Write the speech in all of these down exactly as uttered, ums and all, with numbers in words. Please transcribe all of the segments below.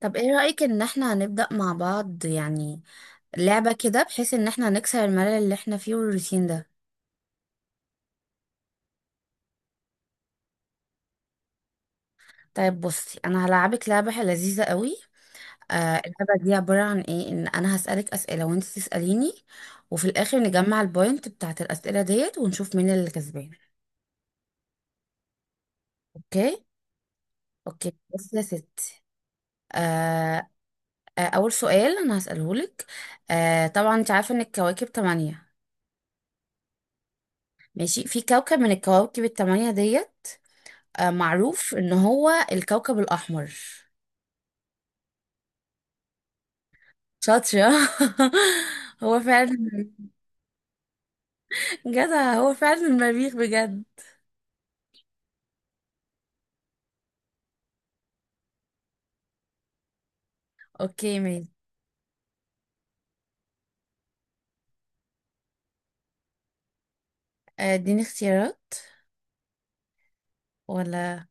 طب ايه رأيك ان احنا هنبدأ مع بعض، يعني لعبة كده، بحيث ان احنا نكسر الملل اللي احنا فيه والروتين ده. طيب بصي، انا هلعبك لعبة لذيذة قوي. آه اللعبة دي عبارة عن ايه، ان انا هسألك أسئلة وانت تسأليني، وفي الاخر نجمع البوينت بتاعت الأسئلة ديت ونشوف مين اللي كسبان. اوكي. اوكي بصي يا ستي. آه آه اول سؤال انا هسأله لك. آه طبعا انت عارفة ان الكواكب تمانية. ماشي، في كوكب من الكواكب التمانية ديت آه، معروف ان هو الكوكب الاحمر. شاطرة هو فعلا. جدع، هو فعلا المريخ بجد. اوكي ماشي. آه، اديني اختيارات ولا؟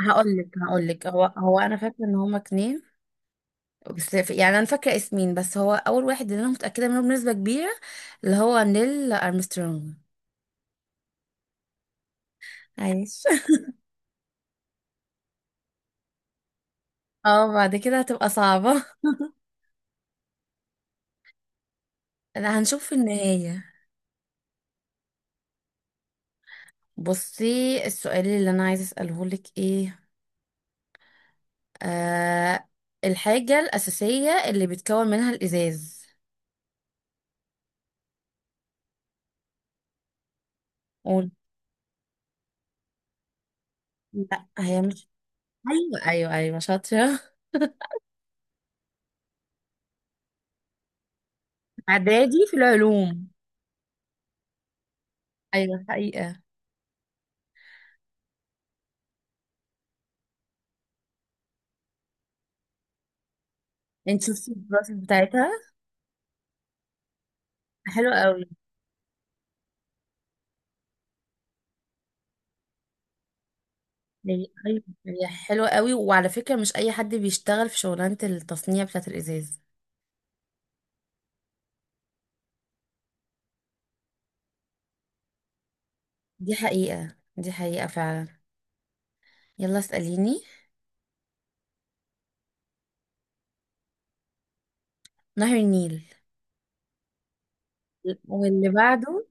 هقول لك هقول لك هو هو انا فاكره ان هما اتنين. بس ف- يعني انا فاكره اسمين، بس هو اول واحد اللي انا متاكده منه بنسبه كبيره، اللي هو نيل ارمسترونج. عايش. اه، بعد كده هتبقى صعبه. لا، هنشوف في النهايه. بصي، السؤال اللي انا عايزه اساله لك ايه. آه الحاجة الأساسية اللي بيتكون منها الإزاز. قول. لا هي مش. أيوة، أيوة، أيوة، شاطرة. إعدادي في العلوم. أيوة حقيقة. انت شفتي الدراسة بتاعتها؟ حلوة قوي. هي أيوة هي حلوة قوي، وعلى فكرة مش أي حد بيشتغل في شغلانة التصنيع بتاعة الإزاز. دي حقيقة، دي حقيقة فعلا. يلا اسأليني. نهر النيل. واللي بعده؟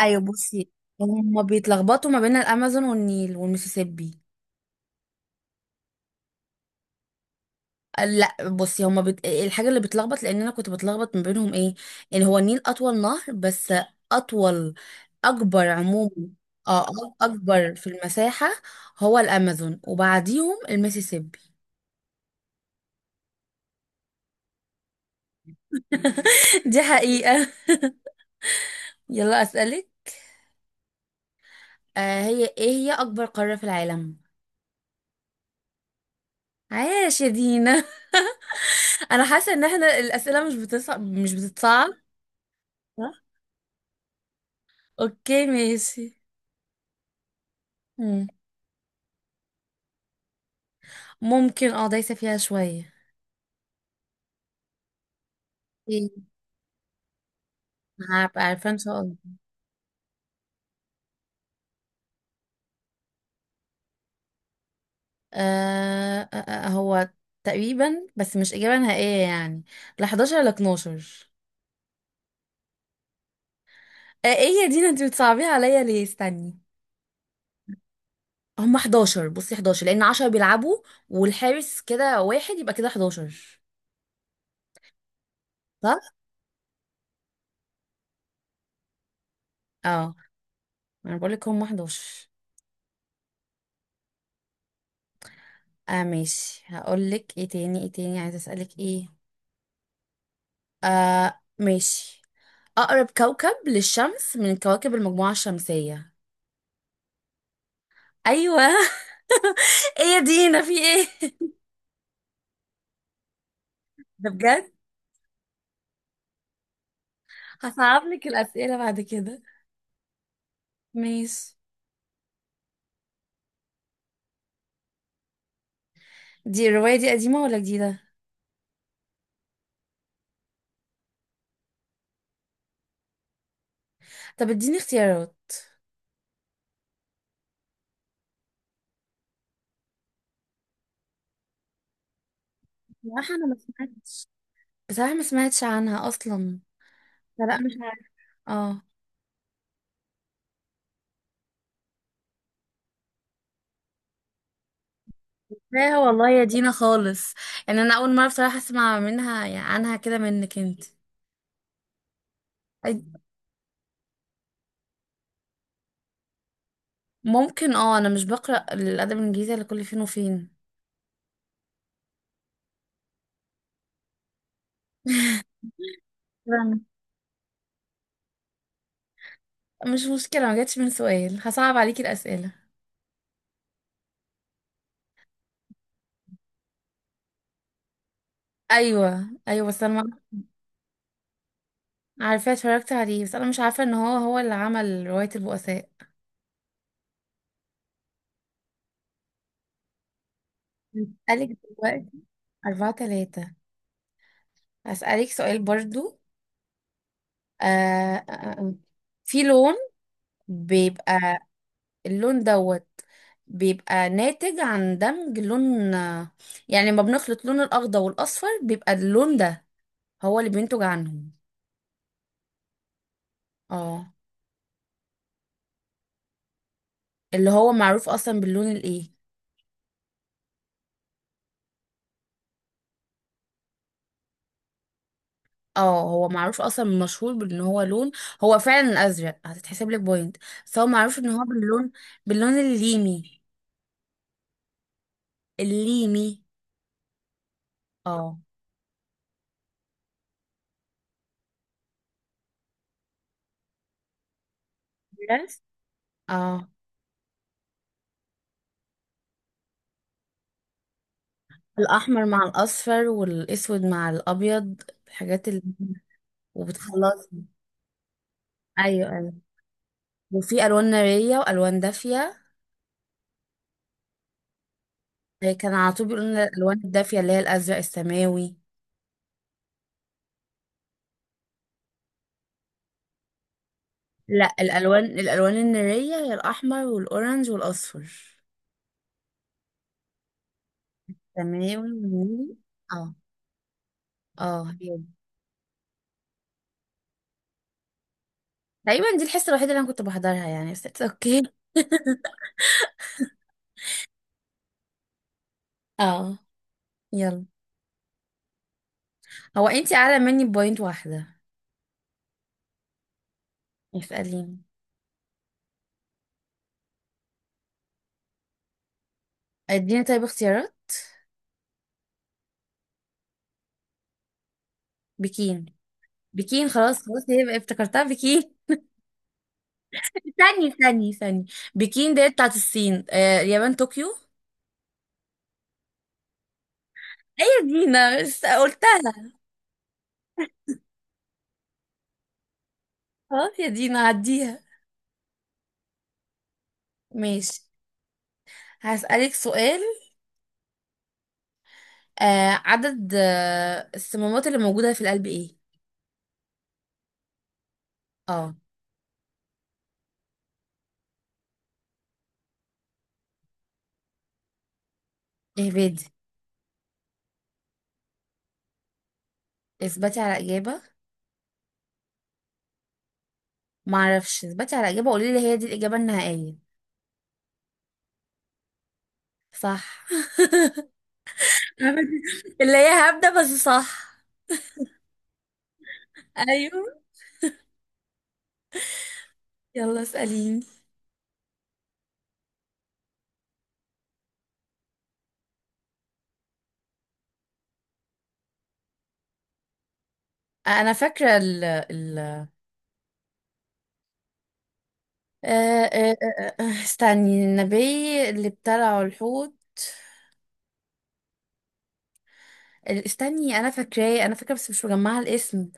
أيوة بصي، هما بيتلخبطوا ما بين الأمازون والنيل والميسيسيبي. لا بصي، هما بت... الحاجه اللي بتلخبط لان انا كنت بتلخبط ما بينهم ايه، ان هو النيل اطول نهر بس. اطول. اكبر عموما. اه، أك- اكبر في المساحه. هو الامازون وبعديهم المسيسيبي. دي حقيقه. يلا اسالك. آه هي ايه، هي اكبر قاره في العالم؟ عاش يا دينا. انا حاسه ان احنا الاسئله مش بتصعب، مش بتتصعب. صح؟ اوكي ماشي. مم. ممكن، اه، دايسه فيها شويه. ايه؟ هبقى عارفه ان شاء الله. آه آه آه آه، هو تقريبا، بس مش إجابة نهائية يعني. لا حداشر لا اتناشر. آه ايه يا دينا، انت بتصعبيها عليا ليه، استني. هم حداشر. بصي حداشر لأن عشرة بيلعبوا، والحارس كده واحد، يبقى كده حداشر. صح؟ اه، انا بقولك هم حداشر. اه ماشي، هقولك ايه تاني، ايه تاني عايزة اسألك ايه. آه ماشي. أقرب كوكب للشمس من كواكب المجموعة الشمسية؟ أيوة. ايه يا دينا، في ايه؟ ده بجد. هصعب لك الأسئلة بعد كده. ماشي. دي الرواية دي قديمة ولا جديدة؟ طب اديني اختيارات. بصراحة أنا ما سمعتش. بصراحة ما سمعتش عنها أصلا. لا، لا، مش عارفة. اه لا والله يا دينا خالص. يعني أنا أول مرة بصراحة أسمع منها، يعني عنها كده منك أنت. أي- ممكن، اه، أنا مش بقرأ الأدب الإنجليزي إلا كل فين وفين. شكراً. مش مشكلة، ما جاتش من سؤال. هصعب عليكي الأسئلة. أيوة أيوة بس أنا ما- عارفاه، اتفرجت عليه، بس أنا مش عارفة إن هو هو اللي عمل رواية البؤساء. هسألك دلوقتي. أربعة تلاتة. هسألك سؤال برضو. آه آه، آه. في لون بيبقى، اللون دوت بيبقى ناتج عن دمج لون، آه، يعني لما بنخلط لون الأخضر والأصفر بيبقى اللون ده هو اللي بينتج عنهم. اه، اللي هو معروف أصلا باللون الإيه؟ اه، هو معروف اصلا مشهور بان هو لون. هو فعلا الازرق، هتتحسب لك بوينت. بس هو معروف ان هو باللون باللون الليمي. الليمي. اه اه الأحمر مع الأصفر، والأسود مع الأبيض. الحاجات اللي وبتخلص. أيوة أيوة. وفي ألوان نارية وألوان دافية. هي كان على طول بيقولوا لنا الألوان الدافية اللي هي الأزرق السماوي. لا، الألوان الألوان النارية هي الأحمر والأورنج والأصفر. سماوي والنيلي. اه. اه هي دي. تقريبا دي الحصة الوحيدة اللي أنا كنت بحضرها يعني، بس it's اوكي. اه يلا. هو انتي أعلى مني بوينت واحدة. اسأليني. اديني طيب اختيارات. بكين. بكين خلاص، خلاص، هي افتكرتها بكين. ثاني، ثاني، ثاني. بكين ديت بتاعت الصين، آه اليابان طوكيو. ايه دينا بس قلتها. خلاص يا دينا عديها. ماشي. هسألك سؤال. آه عدد آه الصمامات اللي موجودة في القلب ايه؟ اه. اهبدي. اثبتي على إجابة. معرفش، اثبتي على إجابة، قولي لي هي دي الإجابة النهائية. صح. اللي هي هبدة بس صح. ايوه، يلا اسأليني. آه، انا فاكره ال ال آه، آه، آه، آه، استني، النبي اللي ابتلعه الحوت. ال- استني، انا فاكراه، انا فاكره، بس مش مجمعه الاسم.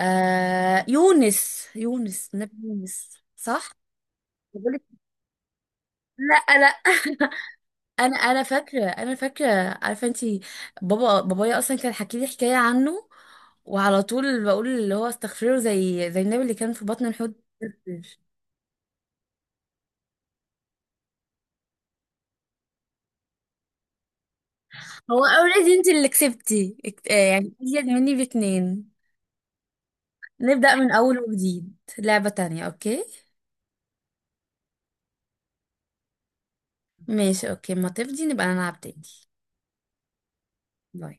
آه يونس، يونس، نبي يونس، صح. بقولك لا، لا. انا انا فاكره، انا فاكره. عارفه انتي، بابا بابايا اصلا كان حكي لي حكايه عنه، وعلى طول بقول اللي هو استغفره زي زي النبي اللي كان في بطن الحوت. هو اوريدي انتي اللي كسبتي اكت- آه، يعني ازيد مني باتنين. نبدأ من أول وجديد لعبة تانية، أوكي؟ ماشي أوكي، ما تفضي نبقى نلعب تاني. باي.